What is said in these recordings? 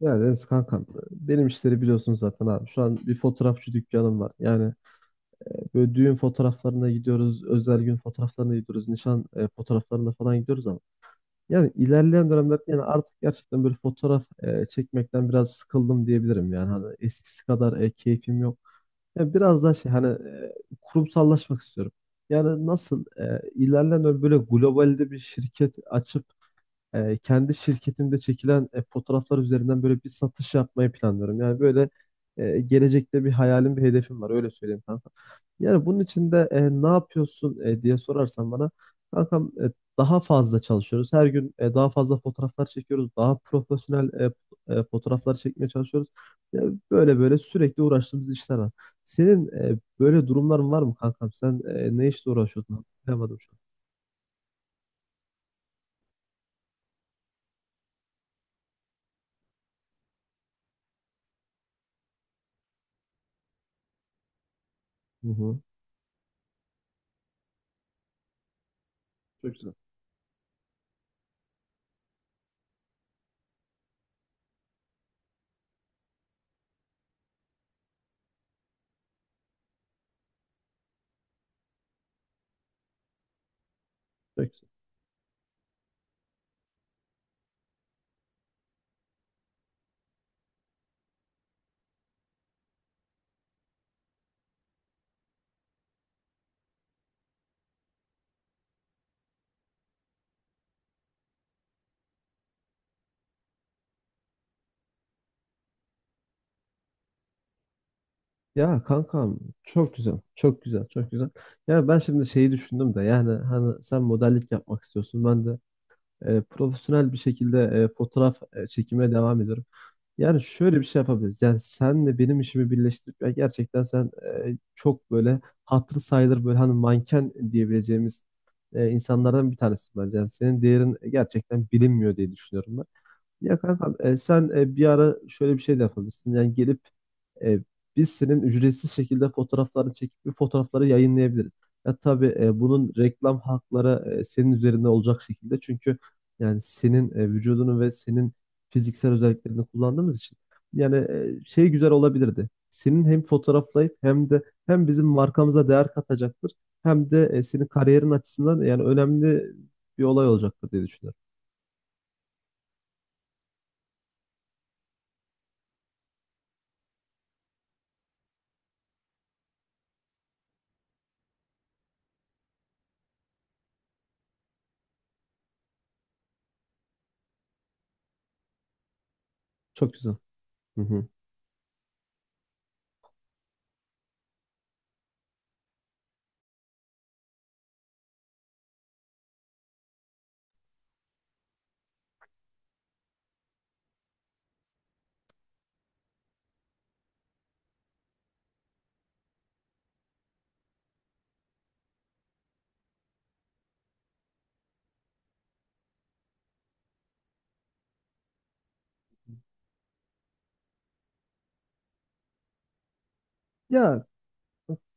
Ya Deniz kankam benim işleri biliyorsun zaten abi. Şu an bir fotoğrafçı dükkanım var. Böyle düğün fotoğraflarına gidiyoruz, özel gün fotoğraflarına gidiyoruz, nişan fotoğraflarına falan gidiyoruz ama yani ilerleyen dönemlerde yani artık gerçekten böyle fotoğraf çekmekten biraz sıkıldım diyebilirim yani. Hani eskisi kadar keyfim yok. Yani biraz daha şey hani kurumsallaşmak istiyorum. Yani nasıl ilerleyen dönem böyle globalde bir şirket açıp kendi şirketimde çekilen fotoğraflar üzerinden böyle bir satış yapmayı planlıyorum. Gelecekte bir hayalim, bir hedefim var öyle söyleyeyim kanka. Yani bunun için de ne yapıyorsun diye sorarsan bana kankam, daha fazla çalışıyoruz. Her gün daha fazla fotoğraflar çekiyoruz. Daha profesyonel fotoğraflar çekmeye çalışıyoruz. Yani böyle böyle sürekli uğraştığımız işler var. Senin böyle durumların var mı kankam? Sen ne işle uğraşıyordun? Bilemedim şu an. Hı hı. Çok güzel. Çok güzel. Ya kankam çok güzel, çok güzel, çok güzel. Ya ben şimdi şeyi düşündüm de yani hani sen modellik yapmak istiyorsun. Ben de profesyonel bir şekilde fotoğraf çekimine devam ediyorum. Yani şöyle bir şey yapabiliriz. Yani senle benim işimi birleştirip ya gerçekten sen çok böyle hatırı sayılır böyle hani manken diyebileceğimiz insanlardan bir tanesin bence. Yani senin değerin gerçekten bilinmiyor diye düşünüyorum ben. Ya kankam, sen bir ara şöyle bir şey de yapabilirsin. Yani gelip e, biz senin ücretsiz şekilde fotoğraflarını çekip bir fotoğrafları yayınlayabiliriz. Ya tabii bunun reklam hakları senin üzerinde olacak şekilde. Çünkü yani senin vücudunu ve senin fiziksel özelliklerini kullandığımız için. Şey güzel olabilirdi. Senin hem fotoğraflayıp hem de hem bizim markamıza değer katacaktır. Hem de senin kariyerin açısından yani önemli bir olay olacaktır diye düşünüyorum. Çok güzel. Hı hı. Ya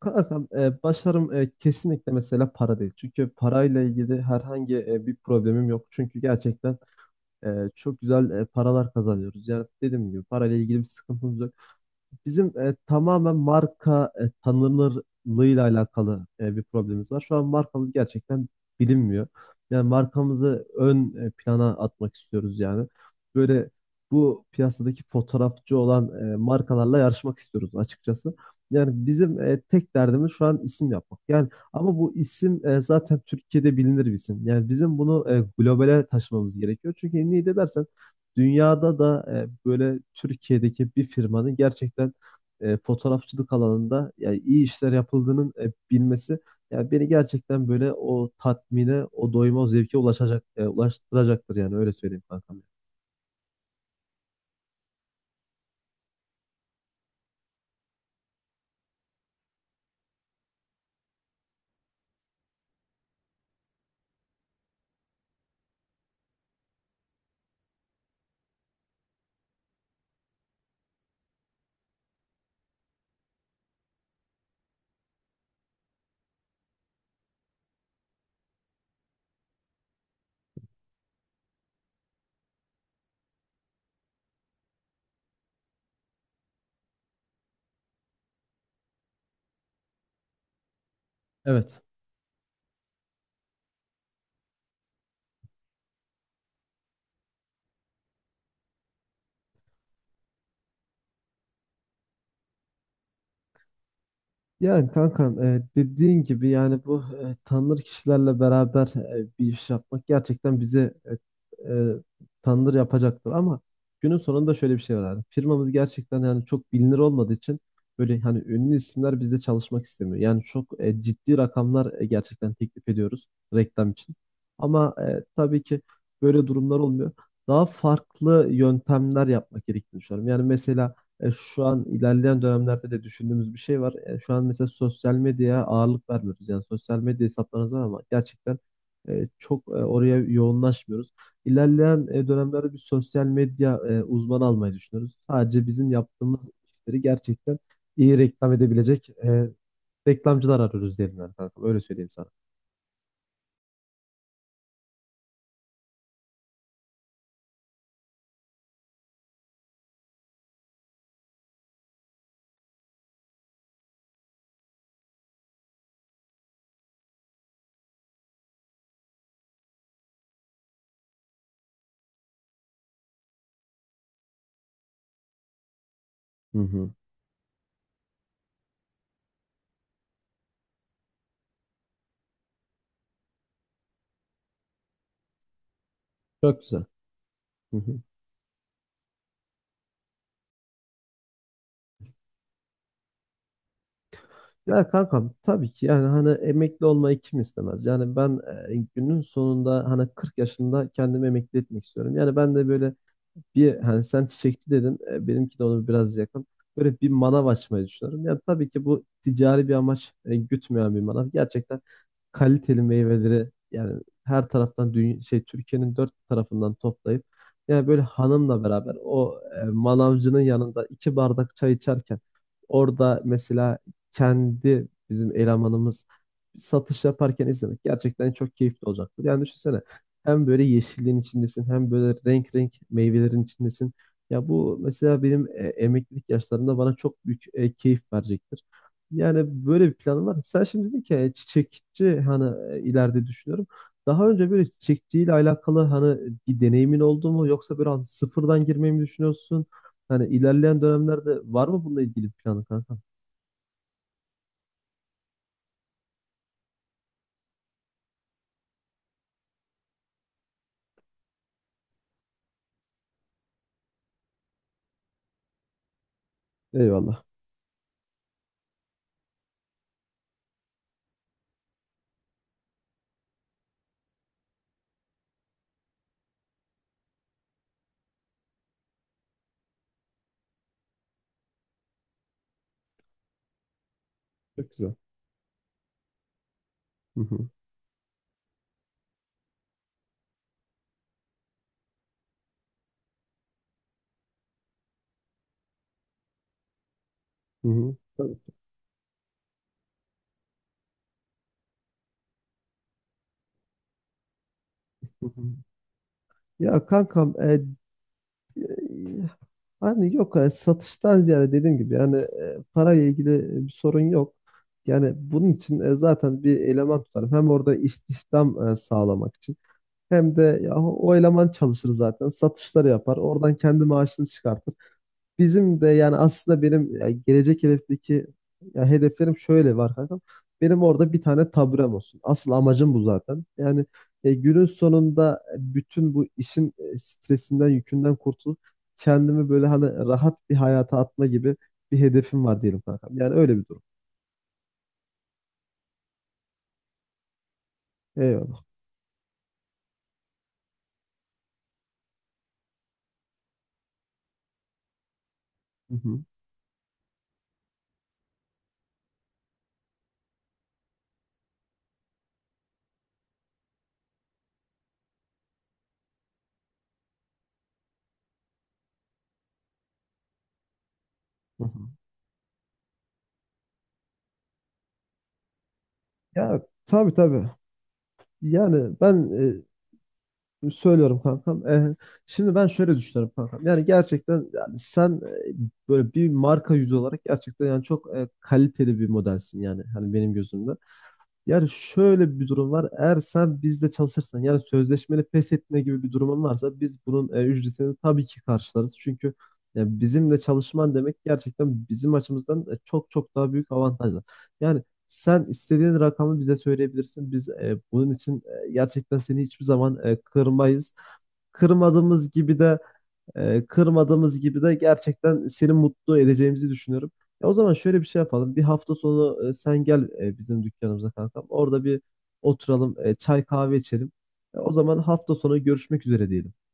kankam, başarım kesinlikle mesela para değil. Çünkü parayla ilgili herhangi bir problemim yok. Çünkü gerçekten e, çok güzel paralar kazanıyoruz. Yani dediğim gibi parayla ilgili bir sıkıntımız yok bizim, tamamen marka tanınırlığıyla alakalı bir problemimiz var. Şu an markamız gerçekten bilinmiyor. Yani markamızı ön plana atmak istiyoruz yani. Böyle bu piyasadaki fotoğrafçı olan markalarla yarışmak istiyoruz açıkçası. Yani bizim tek derdimiz şu an isim yapmak. Yani ama bu isim zaten Türkiye'de bilinir bir isim. Yani bizim bunu globale taşımamız gerekiyor. Çünkü niye de dersen dünyada da böyle Türkiye'deki bir firmanın gerçekten fotoğrafçılık alanında yani iyi işler yapıldığının bilmesi yani beni gerçekten böyle o tatmine, o doyuma, o zevke ulaşacak, ulaştıracaktır yani öyle söyleyeyim kankam. Evet. Yani kankam, dediğin gibi yani bu tanınır kişilerle beraber bir iş yapmak gerçekten bizi e, e, tanınır yapacaktır ama günün sonunda şöyle bir şey var abi. Firmamız gerçekten yani çok bilinir olmadığı için böyle hani ünlü isimler bizde çalışmak istemiyor. Yani çok ciddi rakamlar gerçekten teklif ediyoruz reklam için. Ama tabii ki böyle durumlar olmuyor. Daha farklı yöntemler yapmak gerektiğini düşünüyorum. Yani mesela şu an ilerleyen dönemlerde de düşündüğümüz bir şey var. Şu an mesela sosyal medyaya ağırlık vermiyoruz. Yani sosyal medya hesaplarımız var ama gerçekten çok oraya yoğunlaşmıyoruz. İlerleyen dönemlerde bir sosyal medya uzmanı almayı düşünüyoruz. Sadece bizim yaptığımız işleri gerçekten iyi reklam edebilecek reklamcılar arıyoruz diyelim yani kankam. Öyle söyleyeyim sana. Hı hı. Çok güzel. Hı hı. Ya kankam tabii ki yani hani emekli olmayı kim istemez? Yani ben, günün sonunda hani 40 yaşında kendimi emekli etmek istiyorum. Yani ben de böyle bir, hani sen çiçekçi dedin, benimki de onu biraz yakın. Böyle bir manav açmayı düşünüyorum. Yani tabii ki bu ticari bir amaç gütmeyen bir manav. Gerçekten kaliteli meyveleri yani her taraftan dünya, şey Türkiye'nin dört tarafından toplayıp yani böyle hanımla beraber o manavcının yanında iki bardak çay içerken orada mesela kendi bizim elemanımız satış yaparken izlemek gerçekten çok keyifli olacaktır. Yani düşünsene hem böyle yeşilliğin içindesin hem böyle renk renk meyvelerin içindesin. Ya bu mesela benim emeklilik yaşlarımda bana çok büyük keyif verecektir. Yani böyle bir planım var. Sen şimdi dedin ki, çiçekçi hani ileride düşünüyorum. Daha önce böyle çiçekçiyle alakalı hani bir deneyimin oldu mu yoksa böyle hani sıfırdan girmeyi mi düşünüyorsun? Hani ilerleyen dönemlerde var mı bununla ilgili bir planın kanka? Eyvallah. Çok güzel. Hı hı. Hı hı. Tabii. Hı hı. Ya kankam e, hani yok, satıştan ziyade dediğim gibi yani parayla ilgili bir sorun yok. Yani bunun için zaten bir eleman tutarım. Hem orada istihdam sağlamak için hem de ya, o eleman çalışır zaten satışları yapar. Oradan kendi maaşını çıkartır. Bizim de yani aslında benim ya gelecek hedefteki ya hedeflerim şöyle var kankam. Benim orada bir tane taburem olsun. Asıl amacım bu zaten. Yani günün sonunda bütün bu işin stresinden, yükünden kurtulup kendimi böyle hani rahat bir hayata atma gibi bir hedefim var diyelim kankam. Yani öyle bir durum. Eyvallah. Hı hı, hı hı. Ya tabii tabii. Yani ben e, Söylüyorum kankam. Şimdi ben şöyle düşünüyorum kankam. Yani gerçekten yani sen, e, böyle bir marka yüzü olarak gerçekten yani çok kaliteli bir modelsin yani hani benim gözümde. Yani şöyle bir durum var. Eğer sen bizde çalışırsan yani sözleşmeli pes etme gibi bir durumun varsa biz bunun ücretini tabii ki karşılarız. Çünkü bizimle çalışman demek gerçekten bizim açımızdan çok çok daha büyük avantajlar. Yani sen istediğin rakamı bize söyleyebilirsin. Biz bunun için gerçekten seni hiçbir zaman kırmayız. Kırmadığımız gibi de Kırmadığımız gibi de gerçekten seni mutlu edeceğimizi düşünüyorum. Ya o zaman şöyle bir şey yapalım. Bir hafta sonu sen gel bizim dükkanımıza kankam. Orada bir oturalım, çay kahve içelim. O zaman hafta sonu görüşmek üzere diyelim.